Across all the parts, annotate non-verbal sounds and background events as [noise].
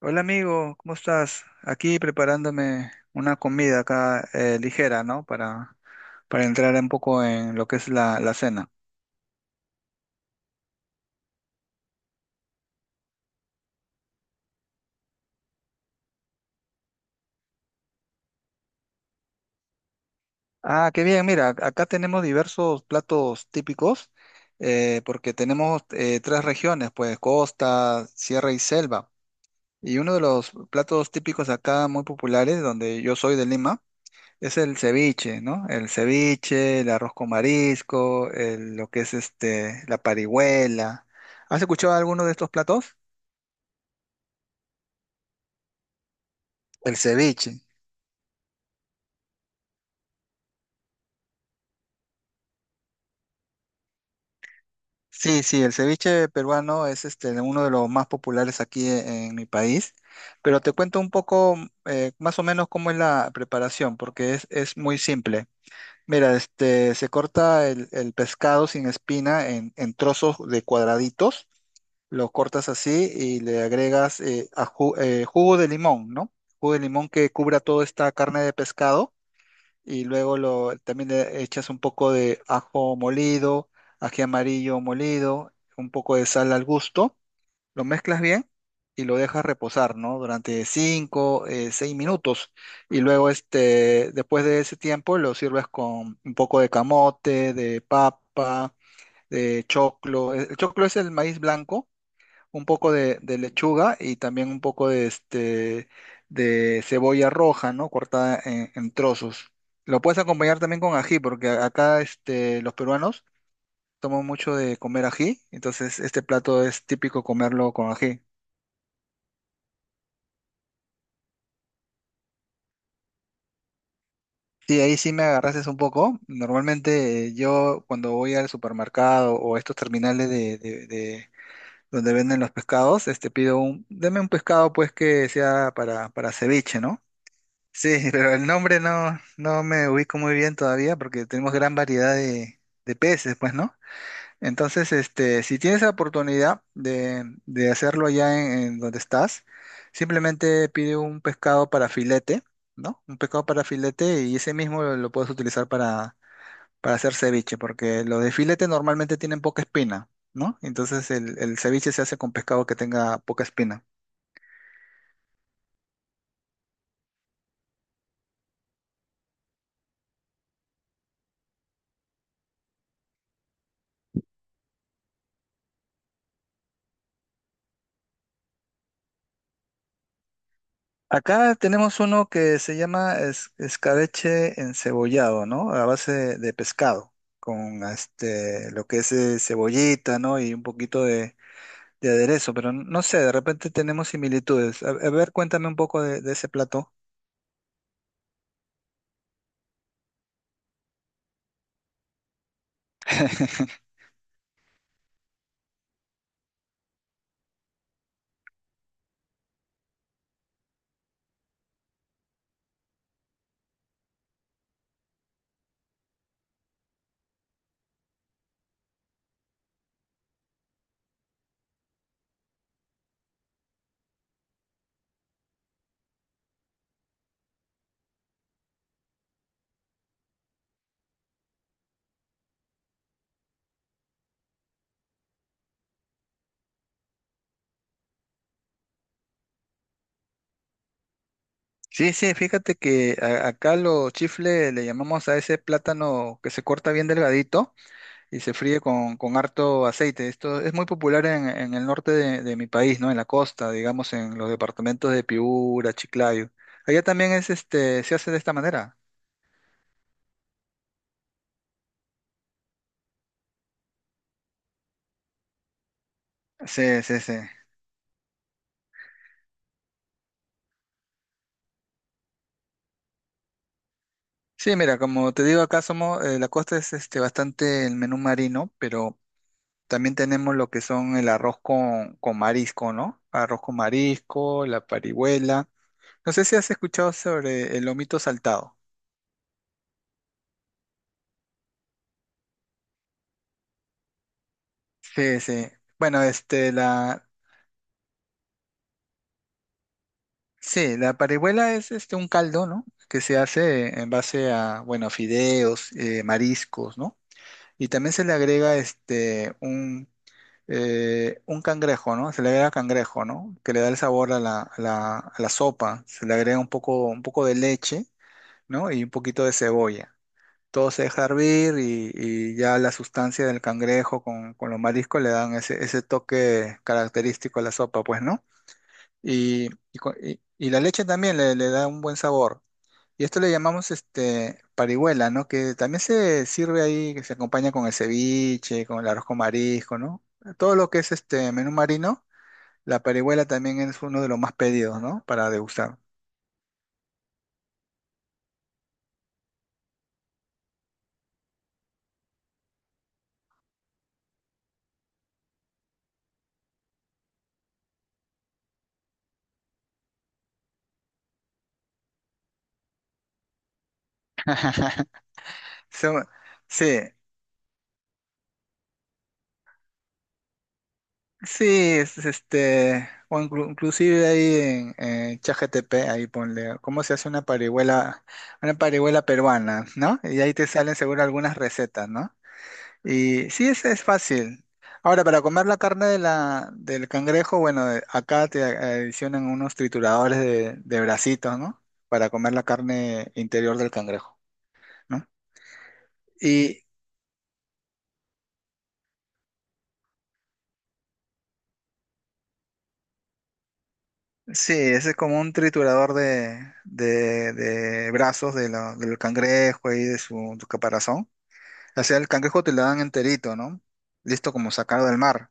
Hola amigo, ¿cómo estás? Aquí preparándome una comida acá ligera, ¿no? Para entrar un poco en lo que es la cena. Ah, qué bien, mira, acá tenemos diversos platos típicos porque tenemos tres regiones, pues costa, sierra y selva. Y uno de los platos típicos acá muy populares, donde yo soy de Lima, es el ceviche, ¿no? El ceviche, el arroz con marisco, lo que es este, la parihuela. ¿Has escuchado alguno de estos platos? El ceviche. Sí, sí, el ceviche peruano es este, uno de los más populares aquí en mi país, pero te cuento un poco más o menos cómo es la preparación, porque es muy simple. Mira, este, se corta el pescado sin espina en trozos de cuadraditos. Lo cortas así y le agregas jugo de limón, ¿no? Jugo de limón que cubra toda esta carne de pescado y luego también le echas un poco de ajo molido, ají amarillo molido, un poco de sal al gusto, lo mezclas bien y lo dejas reposar, ¿no? Durante 5, 6 minutos y luego este, después de ese tiempo lo sirves con un poco de camote, de papa, de choclo. El choclo es el maíz blanco, un poco de lechuga y también un poco de cebolla roja, ¿no? Cortada en trozos. Lo puedes acompañar también con ají, porque acá este, los peruanos toman mucho de comer ají, entonces este plato es típico comerlo con ají. Sí, ahí sí me agarraste un poco. Normalmente yo cuando voy al supermercado o a estos terminales donde venden los pescados, este pido deme un pescado pues que sea para ceviche, ¿no? Sí, [laughs] pero el nombre no me ubico muy bien todavía porque tenemos gran variedad de peces, pues, ¿no? Entonces, este, si tienes la oportunidad de hacerlo allá en donde estás, simplemente pide un pescado para filete, ¿no? Un pescado para filete y ese mismo lo puedes utilizar para hacer ceviche, porque los de filete normalmente tienen poca espina, ¿no? Entonces el ceviche se hace con pescado que tenga poca espina. Acá tenemos uno que se llama escabeche encebollado, ¿no? A base de pescado, con este, lo que es cebollita, ¿no? Y un poquito de aderezo, pero no sé, de repente tenemos similitudes. A ver, cuéntame un poco de ese plato. [laughs] Sí, sí, fíjate que acá los chifles le llamamos a ese plátano que se corta bien delgadito. Y se fríe con harto aceite. Esto es muy popular en el norte de mi país, ¿no? En la costa, digamos, en los departamentos de Piura, Chiclayo. Allá también es este, se hace de esta manera. Sí, sí, sí. Sí, mira, como te digo, acá somos, la costa es este bastante el menú marino, pero también tenemos lo que son el arroz con marisco, ¿no? Arroz con marisco, la parihuela. No sé si has escuchado sobre el lomito saltado. Sí, sí. Bueno, este, sí, la parihuela es este un caldo, ¿no? Que se hace en base a, bueno, fideos, mariscos, ¿no? Y también se le agrega este un cangrejo, ¿no? Se le agrega cangrejo, ¿no? Que le da el sabor a la sopa. Se le agrega un poco de leche, ¿no? Y un poquito de cebolla. Todo se deja hervir y ya la sustancia del cangrejo con los mariscos le dan ese toque característico a la sopa, pues, ¿no? Y la leche también le da un buen sabor. Y esto le llamamos este parihuela, ¿no? Que también se sirve ahí, que se acompaña con el ceviche, con el arroz con marisco, ¿no? Todo lo que es este menú marino, la parihuela también es uno de los más pedidos, ¿no? Para degustar. So- sí, sí, es, este, o inclusive ahí en ChatGPT, ahí ponle, ¿cómo se hace una parihuela, peruana? ¿No? Y ahí te salen seguro algunas recetas, ¿no? Y sí, es fácil. Ahora, para comer la carne del cangrejo, bueno, acá te adicionan unos trituradores de bracitos, ¿no? Para comer la carne interior del cangrejo, ¿no? Y sí, ese es como un triturador de brazos del cangrejo y de su caparazón. O sea, el cangrejo te lo dan enterito, ¿no? Listo como sacado del mar.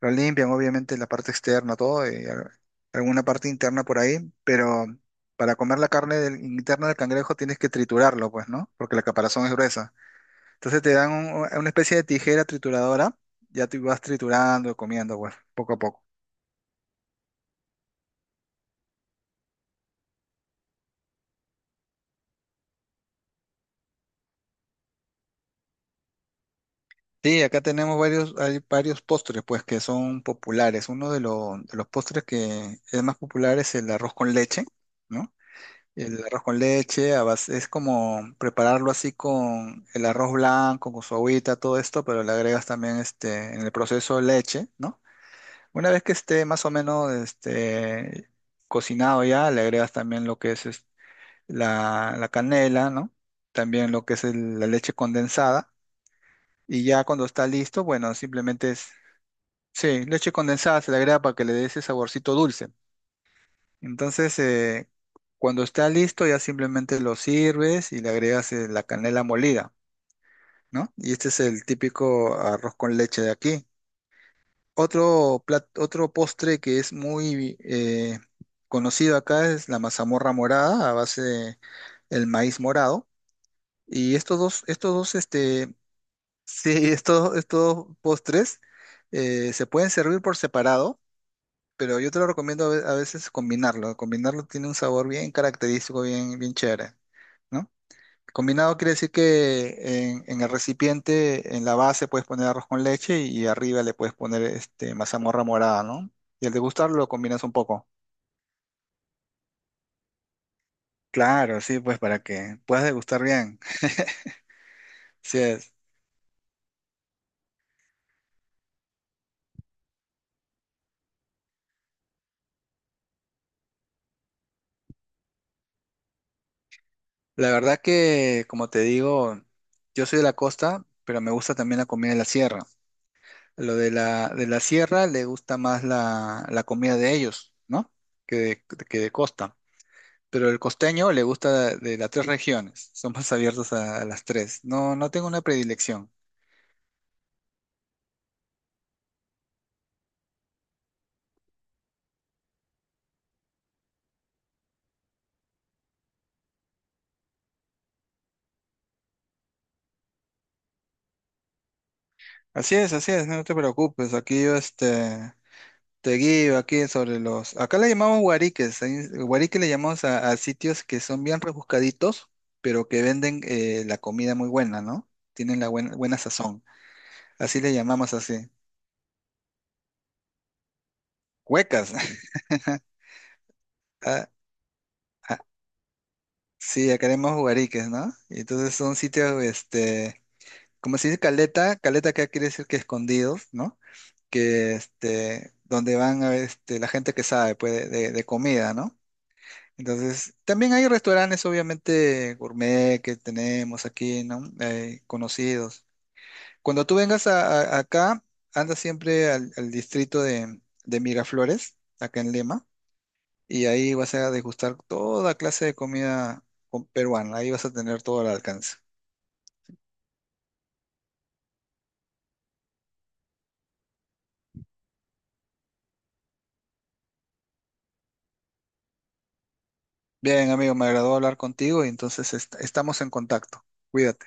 Lo limpian, obviamente, la parte externa, todo, y alguna parte interna por ahí, pero para comer la carne interna del cangrejo tienes que triturarlo, pues, ¿no? Porque la caparazón es gruesa. Entonces te dan una especie de tijera trituradora, ya tú vas triturando, comiendo, pues, poco a poco. Sí, acá tenemos varios, hay varios postres, pues, que son populares. Uno de los postres que es más popular es el arroz con leche, ¿no? El arroz con leche, es como prepararlo así con el arroz blanco, con su agüita, todo esto, pero le agregas también este, en el proceso leche, ¿no? Una vez que esté más o menos este, cocinado ya, le agregas también lo que es, la canela, ¿no? También lo que es la leche condensada. Y ya cuando está listo, bueno, simplemente sí, leche condensada se le agrega para que le dé ese saborcito dulce. Entonces, cuando está listo, ya simplemente lo sirves y le agregas la canela molida, ¿no? Y este es el típico arroz con leche de aquí. Otro postre que es muy conocido acá es la mazamorra morada a base de el maíz morado. Y estos dos, sí, [laughs] estos postres se pueden servir por separado pero yo te lo recomiendo a veces combinarlo. Combinarlo tiene un sabor bien característico, bien, bien chévere, ¿no? Combinado quiere decir que en el recipiente, en la base, puedes poner arroz con leche y arriba le puedes poner este, mazamorra morada, ¿no? Y al degustarlo lo combinas un poco. Claro, sí, pues para que puedas degustar bien. Sí es. La verdad que, como te digo, yo soy de la costa, pero me gusta también la comida de la sierra. Lo de la sierra le gusta más la comida de ellos, ¿no? Que que de costa. Pero el costeño le gusta de las tres regiones, son más abiertos a las tres. No, no tengo una predilección. Así es, no te preocupes. Aquí yo este, te guío aquí sobre los. Acá le llamamos guariques. Guarique le llamamos a sitios que son bien rebuscaditos, pero que venden la comida muy buena, ¿no? Tienen la buena, buena sazón. Así le llamamos así. Huecas. [laughs] Ah, ah, sí, acá le llamamos guariques, ¿no? Y entonces son sitios, este, como se dice caleta, caleta acá quiere decir que escondidos, ¿no? Que este, donde van a, este, la gente que sabe pues, de comida, ¿no? Entonces, también hay restaurantes, obviamente, gourmet que tenemos aquí, ¿no? Conocidos. Cuando tú vengas acá, anda siempre al distrito de Miraflores, acá en Lima, y ahí vas a degustar toda clase de comida peruana, ahí vas a tener todo al alcance. Bien, amigo, me agradó hablar contigo y entonces estamos en contacto. Cuídate.